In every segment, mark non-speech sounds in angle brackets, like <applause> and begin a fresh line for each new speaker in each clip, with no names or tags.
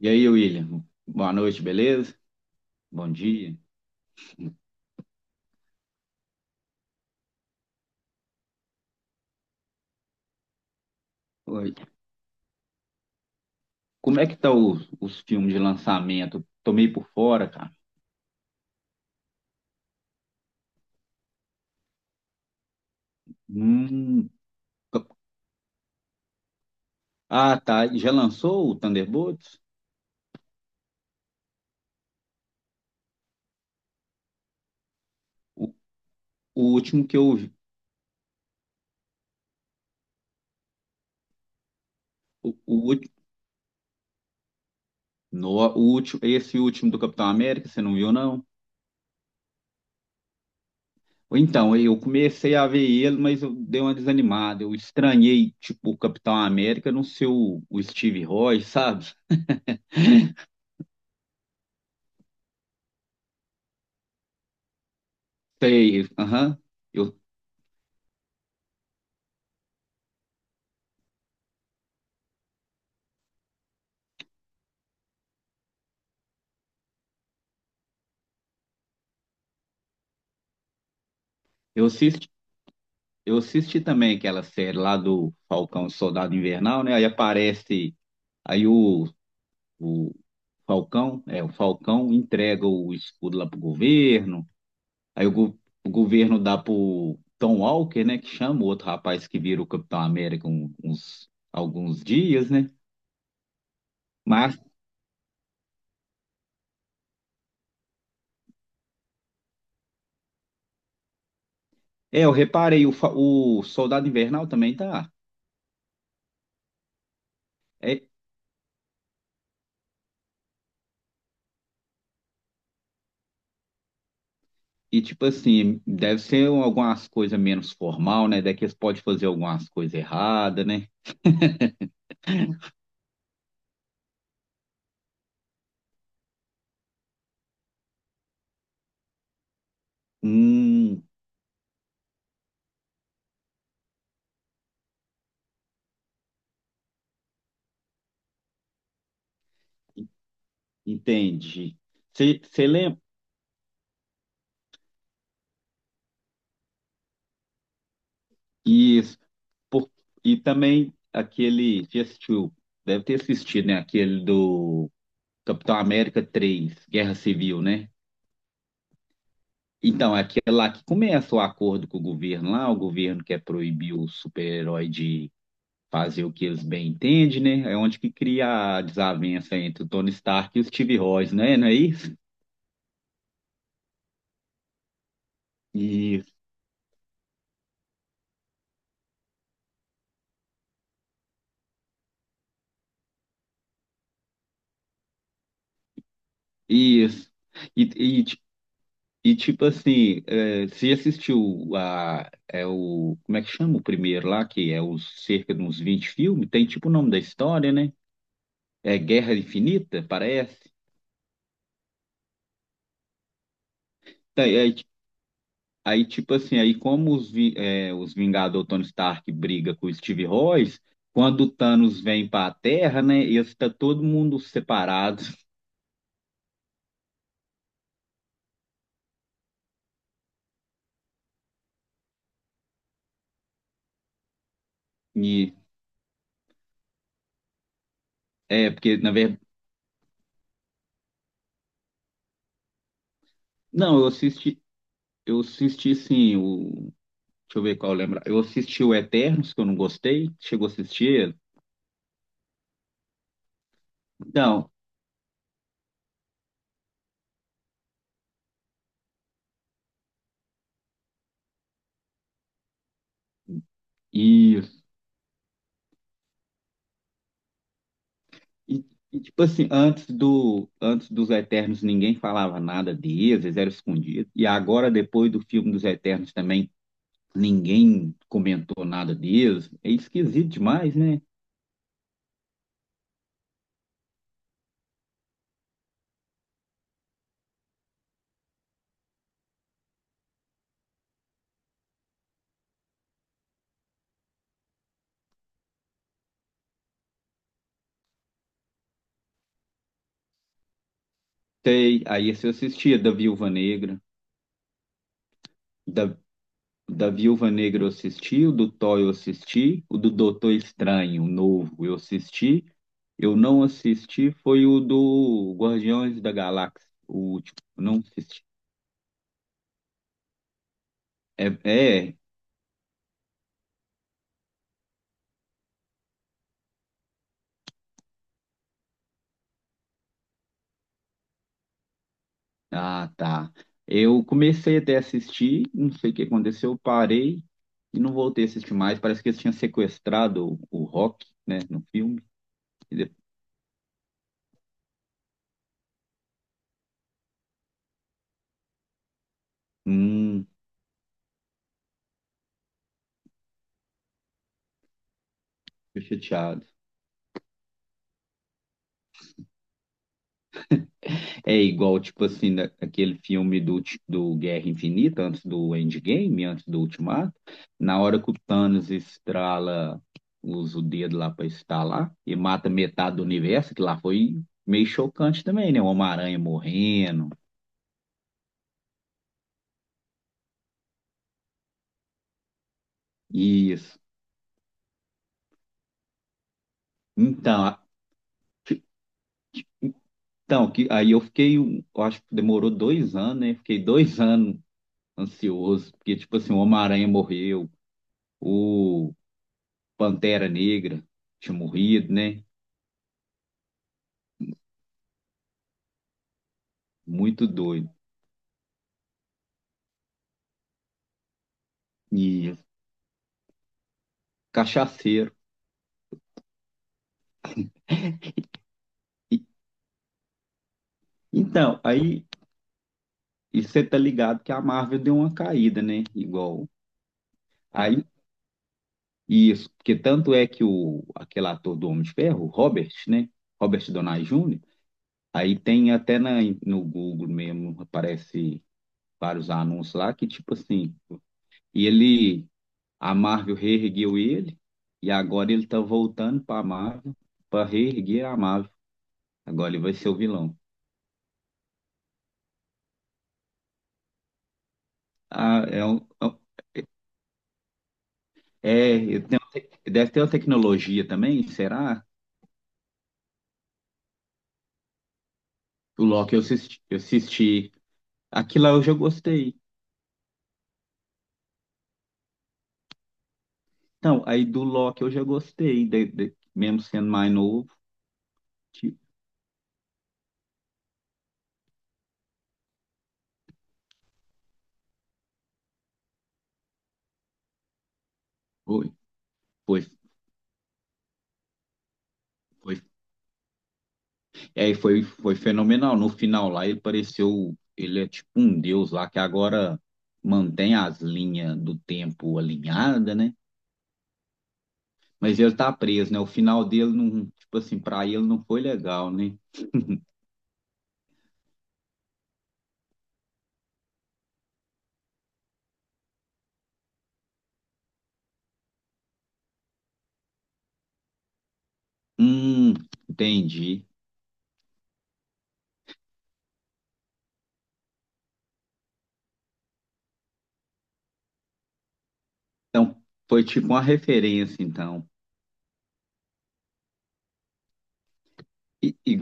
E aí, William? Boa noite, beleza? Bom dia. Oi. Como é que tá os filmes de lançamento? Tô meio por fora, cara. Hum. Ah, tá. Já lançou o Thunderbolts? O, o último que eu vi. O, ulti- no, o último, esse último do Capitão América, você não viu, não? Então, eu comecei a ver ele, mas eu dei uma desanimada. Eu estranhei, tipo, o Capitão América não ser o Steve Rogers, sabe? Sei, aham. Eu, eu assisti Eu assisti também aquela série lá do Falcão e Soldado Invernal, né? Aí aparece, aí o, o Falcão, é, o Falcão entrega o escudo lá pro governo, aí o, go- o governo dá pro Tom Walker, né? Que chama o outro rapaz que vira o Capitão América uns, alguns dias, né? Mas, é, eu reparei, o Soldado Invernal também tá. É, e tipo assim, deve ser algumas coisas menos formal, né? Daqui eles podem fazer algumas coisas erradas, né? Hum. Entendi. Você lembra? Isso. Por- e também aquele. Você assistiu? Deve ter assistido, né? Aquele do Capitão América 3 Guerra Civil, né? Então, é aquele lá que começa o acordo com o governo lá. O governo quer proibir o super-herói de fazer o que eles bem entendem, né? É onde que cria a desavença entre o Tony Stark e o Steve Rogers, né? Não é isso? Isso. Isso. E, e tipo assim, é, você assistiu a, é o, como é que chama o primeiro lá, que é os cerca de uns 20 filmes, tem tipo o nome da história, né? É Guerra Infinita, parece. Aí, aí, tipo assim, aí como os, é, os Vingadores, o Tony Stark briga com o Steve Rogers, quando o Thanos vem para a Terra, né, e está todo mundo separado. E, é, porque na verdade, não, eu assisti sim. Deixa eu ver qual eu lembro. Eu assisti o Eternos, que eu não gostei. Chegou a assistir ele? Não, e, e- tipo assim, antes do, antes dos Eternos ninguém falava nada deles, eles eram escondidos. E agora, depois do filme dos Eternos também, ninguém comentou nada deles. É esquisito demais, né? Sei, aí você assistia da Viúva Negra. da Da Viúva Negra eu assisti, o do Thor eu assisti, o do Doutor Estranho, o novo, eu assisti. Eu não assisti, foi o do Guardiões da Galáxia, o último, eu não assisti. É, é? Ah, tá. Eu comecei até a assistir, não sei o que aconteceu, eu parei e não voltei a assistir mais. Parece que eles tinham sequestrado o Rock, né, no filme. E de- Hum, tô chateado. É igual, tipo assim, aquele filme do, do Guerra Infinita, antes do Endgame, antes do Ultimato, na hora que o Thanos estrala, usa o dedo lá pra estalar e mata metade do universo, que lá foi meio chocante também, né? O Homem-Aranha morrendo, isso. Então, a- fi- então que, aí eu fiquei, eu acho que demorou dois anos, né? Fiquei dois <laughs> anos ansioso, porque, tipo assim, o Homem-Aranha morreu, o Pantera Negra tinha morrido, né? Muito doido. E cachaceiro. E- então, aí e você tá ligado que a Marvel deu uma caída, né? Igual. Aí, isso, porque tanto é que o, aquele ator do Homem de Ferro, o Robert, né? Robert Downey Jr., aí tem até na, no Google mesmo, aparece vários anúncios lá que, tipo assim, e ele, a Marvel reergueu ele, e agora ele tá voltando pra Marvel, pra reerguer a Marvel. Agora ele vai ser o vilão. Ah, é um, é um. É, deve ter uma tecnologia também, será? O Loki eu assisti, eu assisti. Aquilo lá eu já gostei. Então, aí do Loki eu já gostei, mesmo sendo mais novo. Tipo, foi, foi, foi. É, foi fenomenal. No final lá ele pareceu, ele é tipo um deus lá que agora mantém as linhas do tempo alinhada, né? Mas ele tá preso, né? O final dele não, tipo assim, pra ele não foi legal, né? Hum, entendi. Então, foi tipo uma referência, então. E, e,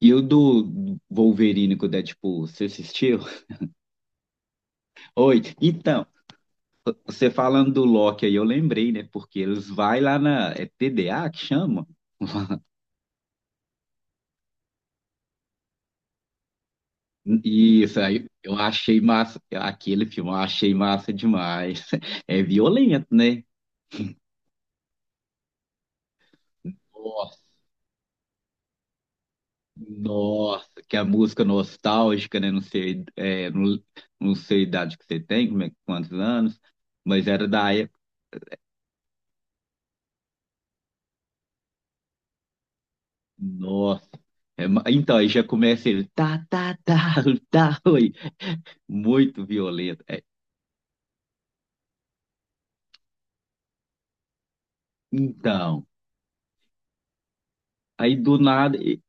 e o do Wolverine com o Deadpool, você assistiu? Oi, então, você falando do Loki aí, eu lembrei, né? Porque eles vai lá na. É TDA que chama? Isso aí, eu achei massa. Aquele filme, eu achei massa demais. <laughs> É violento, né? Nossa, nossa, que a música nostálgica, né? Não sei, não sei a idade que você tem, como é, quantos anos, mas era da. Nossa. É, então, aí já começa ele, tá, tá, tá, <laughs> tá, oi. Muito violento. É, então, aí do nada,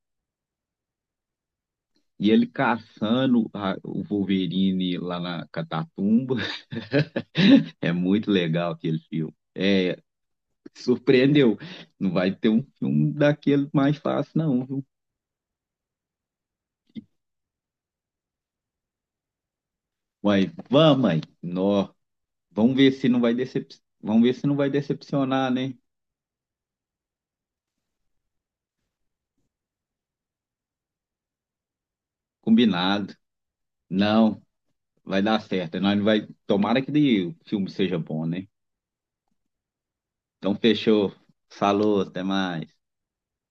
e ele caçando o Wolverine lá na Catatumba. <laughs> É muito legal aquele filme. É, surpreendeu. Não vai ter um filme daquele mais fácil, não, viu? Mas vamos, mãe. Nó. Vamos ver se não vai decep... Vamos ver se não vai decepcionar, né? Combinado. Não. Vai dar certo. Nós não vai... Tomara que o filme seja bom, né? Então, fechou. Falou, até mais.